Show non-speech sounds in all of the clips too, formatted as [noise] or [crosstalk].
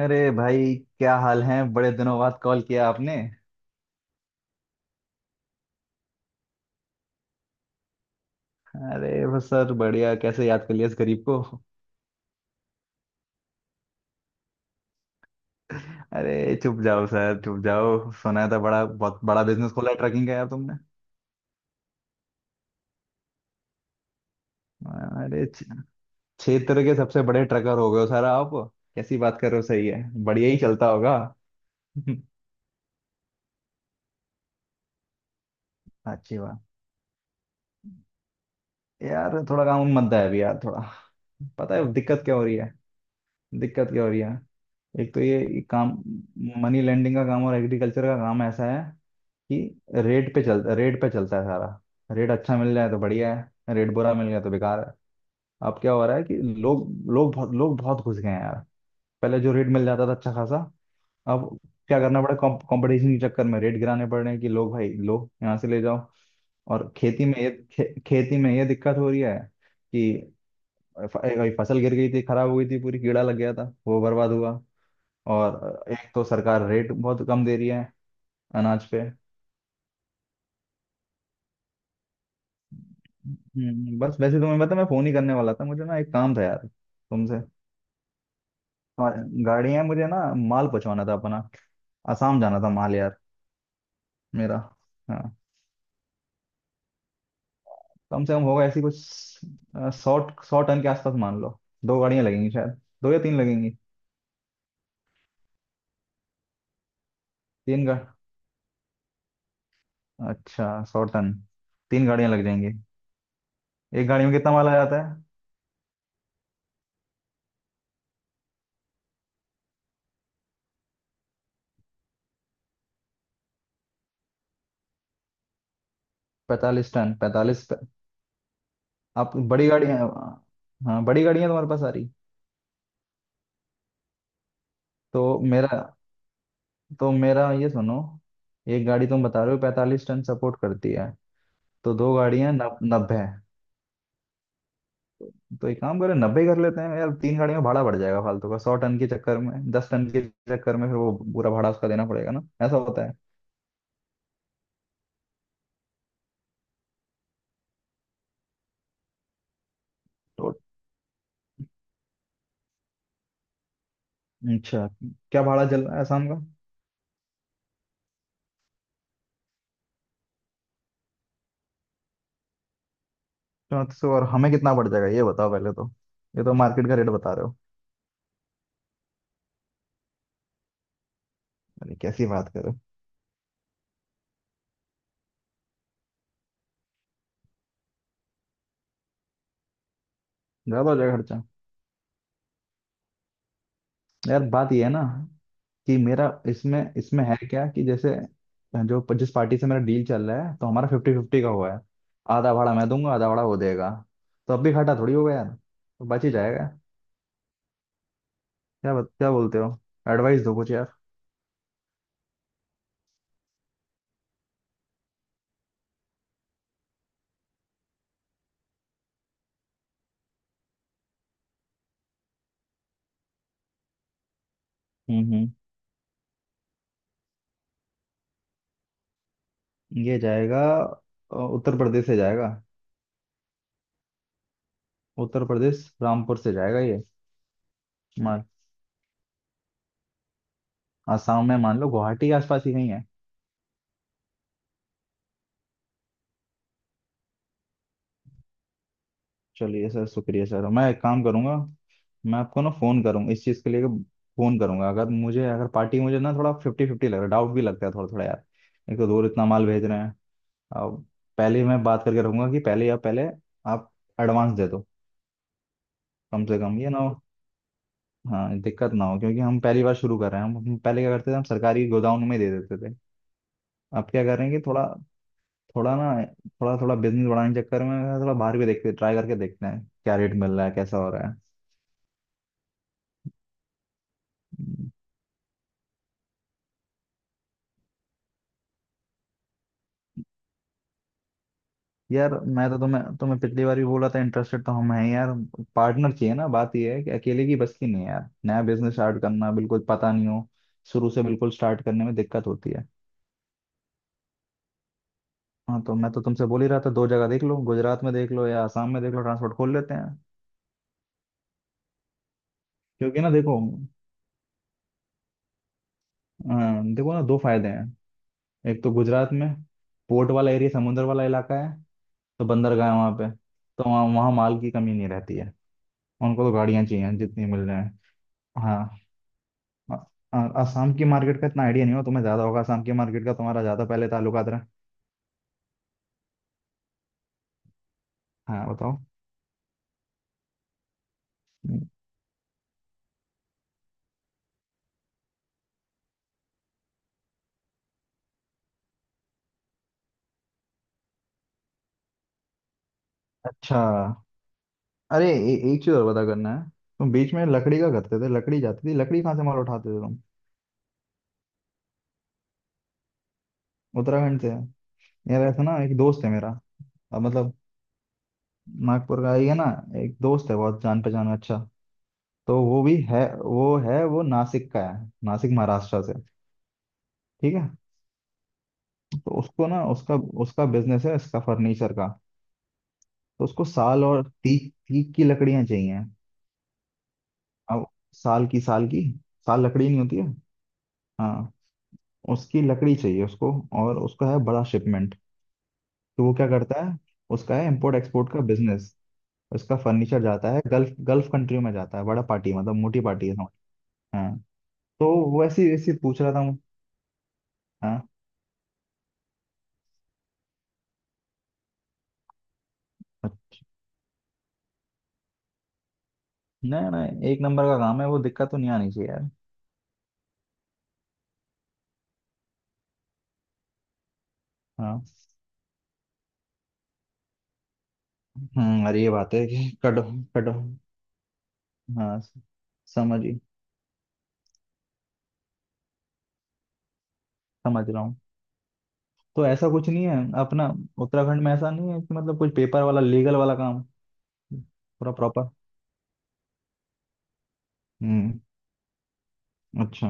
अरे भाई क्या हाल है। बड़े दिनों बाद कॉल किया आपने। अरे बस सर बढ़िया। कैसे याद कर लिया इस गरीब को? [laughs] अरे चुप जाओ सर चुप जाओ। सुना था बड़ा बहुत बड़ा बिजनेस खोला है ट्रकिंग का यार तुमने। अरे क्षेत्र के सबसे बड़े ट्रकर हो गए हो सर आप। कैसी बात कर रहे हो? सही है बढ़िया ही चलता होगा। [laughs] अच्छी बात। यार थोड़ा काम मंदा है अभी यार थोड़ा। पता है दिक्कत क्या हो रही है? दिक्कत क्या हो रही है? एक तो ये काम मनी लेंडिंग का काम और एग्रीकल्चर का काम ऐसा है कि रेट पे चलता है सारा। रेट अच्छा मिल जाए तो बढ़िया है रेट बुरा मिल गया तो बेकार है। अब क्या हो रहा है कि लोग लोग बहुत घुस गए हैं यार। पहले जो रेट मिल जाता था अच्छा खासा अब क्या करना पड़ा कंपटीशन के चक्कर में रेट गिराने पड़ रहे हैं कि लोग भाई लो यहाँ से ले जाओ। और खेती में ये खेती में ये दिक्कत हो रही है कि एक फसल गिर गई थी खराब हो गई थी पूरी कीड़ा लग गया था वो बर्बाद हुआ। और एक तो सरकार रेट बहुत कम दे रही है अनाज पे। बस वैसे तुम्हें पता मैं फोन ही करने वाला था मुझे ना एक काम था यार तुमसे। हमारे- गाड़ी है मुझे ना माल पहुंचवाना था अपना आसाम जाना था माल यार। मेरा हाँ। कम से कम होगा ऐसी कुछ 100 100 टन के आसपास मान लो। दो गाड़ियां लगेंगी शायद दो या तीन लगेंगी। तीन गा अच्छा 100 टन तीन गाड़ियां लग जाएंगी। एक गाड़ी में कितना माल आ जाता है? 45 टन 45? आप बड़ी गाड़ियां। हाँ बड़ी गाड़ियां तुम्हारे पास आ रही। तो मेरा तो मेरा ये सुनो। एक गाड़ी तुम बता रहे हो 45 टन सपोर्ट करती है। तो दो गाड़ियां 90। तो एक काम करें 90 ही कर लेते हैं यार तीन गाड़ियों का भाड़ा बढ़ जाएगा फालतू का 100 टन के चक्कर में 10 टन के चक्कर में फिर वो पूरा भाड़ा उसका देना पड़ेगा ना ऐसा होता है। तो अच्छा क्या भाड़ा चल रहा है शाम का? 3400 और हमें कितना बढ़ जाएगा ये बताओ पहले तो। ये तो मार्केट का रेट बता रहे हो। अरे कैसी बात करो। ज्यादा हो जाएगा खर्चा। यार बात ये है ना कि मेरा इसमें इसमें है क्या कि जैसे जो जिस पार्टी से मेरा डील चल रहा है तो हमारा 50-50 का हुआ है। आधा भाड़ा मैं दूंगा आधा भाड़ा वो देगा। तो अब भी घाटा थोड़ी होगा यार तो बच ही जाएगा। क्या बोलते हो? एडवाइस दो कुछ यार। हम्म हम्म ये जाएगा उत्तर प्रदेश से जाएगा। उत्तर प्रदेश रामपुर से जाएगा ये। मान आसाम में मान लो गुवाहाटी के आसपास ही कहीं है। चलिए सर शुक्रिया सर मैं एक काम करूंगा। मैं आपको ना फोन करूंगा इस चीज के लिए फोन करूंगा अगर मुझे अगर पार्टी मुझे ना थोड़ा 50-50 लग रहा है डाउट भी लगता है थोड़ा थोड़ा यार। एक तो दूर इतना माल भेज रहे हैं अब पहले ही मैं बात करके रखूंगा कि पहले या पहले आप एडवांस दे दो। कम से कम ये ना हो। हाँ दिक्कत ना हो क्योंकि हम पहली बार शुरू कर रहे हैं हम पहले क्या करते थे हम सरकारी गोदाम में ही दे देते थे। अब क्या कर रहे हैं कि थोड़ा थोड़ा ना थोड़ा थोड़ा बिजनेस बढ़ाने के चक्कर में थोड़ा बाहर भी देखते ट्राई करके देखते हैं क्या रेट मिल रहा है कैसा हो रहा है। यार मैं तो तुम्हें तुम्हें पिछली बार भी बोला था इंटरेस्टेड तो हम हैं यार। पार्टनर चाहिए ना बात ये है कि अकेले की बस की नहीं है यार नया बिजनेस स्टार्ट करना बिल्कुल पता नहीं हो। शुरू से बिल्कुल स्टार्ट करने में दिक्कत होती है। हाँ तो मैं तो तुमसे बोल ही रहा था दो जगह देख लो गुजरात में देख लो या आसाम में देख लो ट्रांसपोर्ट खोल लेते हैं। क्योंकि ना देखो अ, देखो ना दो फायदे हैं। एक तो गुजरात में पोर्ट वाला एरिया समुद्र वाला इलाका है तो बंदरगाह है वहाँ पे। तो वहाँ वहाँ माल की कमी नहीं रहती है। उनको तो गाड़ियाँ चाहिए जितनी मिल जाए। हाँ। आ- आसाम की मार्केट का इतना आइडिया नहीं हो तुम्हें ज्यादा होगा आसाम की मार्केट का तुम्हारा ज्यादा पहले ताल्लुकात रहा। हाँ बताओ। हम्म। अच्छा अरे एक चीज और पता करना है। तुम बीच में लकड़ी का करते थे लकड़ी जाती थी लकड़ी कहाँ से माल उठाते थे तुम? उत्तराखंड से। यार ऐसा ना एक दोस्त है मेरा अब मतलब नागपुर का ही है ना। एक दोस्त है बहुत जान पहचान में अच्छा। तो वो भी है वो नासिक का है नासिक महाराष्ट्र से। ठीक है। तो उसको ना उसका उसका बिजनेस है इसका फर्नीचर का। तो उसको साल और तीक तीक की लकड़ियां चाहिए। अब साल की साल की। साल लकड़ी नहीं होती है। हाँ उसकी लकड़ी चाहिए उसको और उसका है बड़ा शिपमेंट। तो वो क्या करता है उसका है इम्पोर्ट एक्सपोर्ट का बिजनेस। उसका फर्नीचर जाता है गल्फ गल्फ कंट्री में जाता है बड़ा पार्टी मतलब मोटी पार्टी है समझ। हाँ तो वैसे वैसे पूछ रहा था मैं। हाँ नहीं नहीं एक नंबर का काम है वो दिक्कत तो नहीं आनी चाहिए यार। हाँ। अरे ये बात है कि कट कट हाँ समझ। समझ रहा हूँ। तो ऐसा कुछ नहीं है अपना उत्तराखंड में ऐसा नहीं है कि मतलब कुछ पेपर वाला लीगल वाला काम पूरा प्रॉपर। हम्म। अच्छा।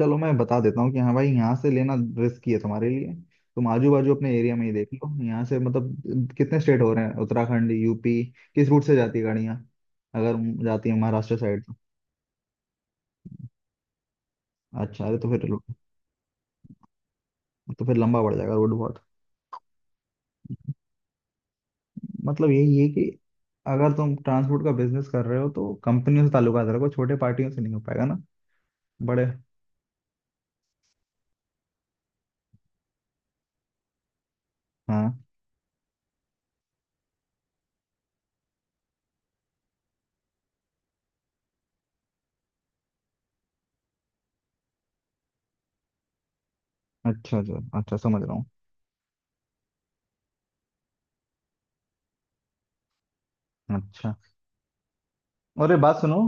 चलो मैं बता देता हूँ कि हाँ भाई यहाँ से लेना रिस्की है तुम्हारे लिए। तुम आजू बाजू अपने एरिया में ही देख लो यहाँ से मतलब कितने स्टेट हो रहे हैं उत्तराखंड यूपी किस रूट से जाती है गाड़ियाँ अगर जाती है महाराष्ट्र साइड तो। अच्छा अरे तो फिर लंबा पड़ जाएगा रोड बहुत। मतलब यही है कि अगर तुम ट्रांसपोर्ट का बिजनेस कर रहे हो तो कंपनियों से ताल्लुकात रखो छोटे पार्टियों से नहीं हो पाएगा ना बड़े। हाँ अच्छा अच्छा अच्छा समझ रहा हूँ। अच्छा अरे बात सुनो।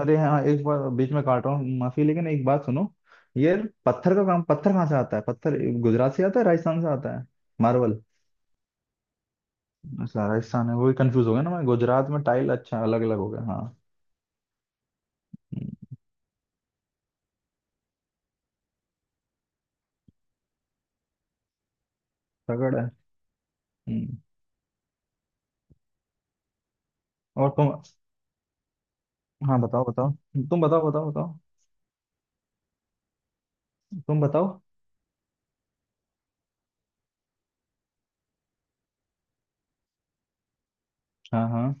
अरे हाँ एक बार बीच में काट रहा हूँ माफी लेकिन एक बात सुनो। ये पत्थर का काम पत्थर कहाँ से आता है? पत्थर गुजरात से आता है राजस्थान से आता है मार्बल। अच्छा राजस्थान है वही कंफ्यूज हो गया ना मैं गुजरात में टाइल अच्छा अलग अलग हो गया हाँ। हम्म, तगड़ है। हम्म, और तुम। हाँ बताओ बताओ। तुम बताओ बताओ बताओ। तुम बताओ। हाँ हाँ।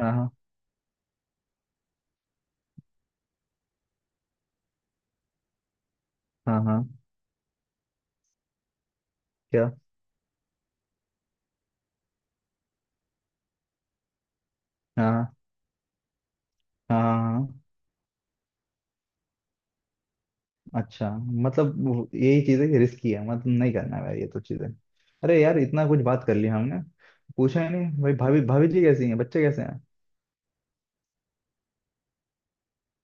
हाँ हाँ। हाँ हाँ। क्या? हाँ हाँ। हाँ हाँ, हाँ। अच्छा मतलब यही चीज है कि रिस्की है मतलब नहीं करना है भाई ये तो चीजें। अरे यार इतना कुछ बात कर लिया हमने पूछा ही नहीं भाई भाभी भाभी जी कैसी हैं बच्चे कैसे हैं।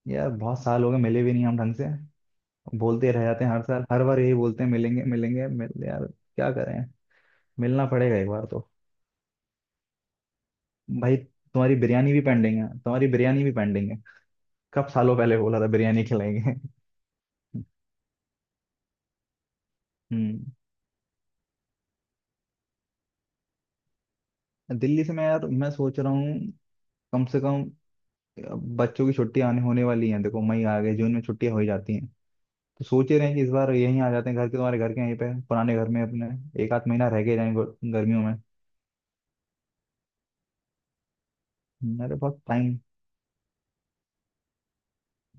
यार बहुत साल हो गए मिले भी नहीं हम ढंग से। बोलते रह जाते हैं हर साल हर बार यही बोलते हैं मिलेंगे मिलेंगे मिल यार। क्या करें। मिलना पड़ेगा एक बार तो। भाई तुम्हारी बिरयानी भी पेंडिंग है तुम्हारी बिरयानी भी पेंडिंग है। कब सालों पहले बोला था बिरयानी खिलाएंगे। [laughs] हम्म दिल्ली से मैं यार मैं सोच रहा हूँ कम से कम अब बच्चों की छुट्टियां आने होने वाली हैं देखो मई आ गए जून में छुट्टियां हो ही जाती हैं। तो सोच ही रहे हैं कि इस बार यहीं आ जाते हैं घर के तुम्हारे घर के यहीं पे पुराने घर में अपने एक आध महीना रह गए जाएंगे गर्मियों में। मेरे पास टाइम।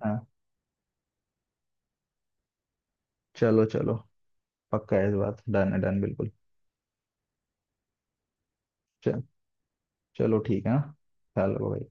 हाँ चलो चलो। पक्का है इस बार डन है डन बिल्कुल। चल चलो ठीक है हाँ? ख्याल रखो भाई।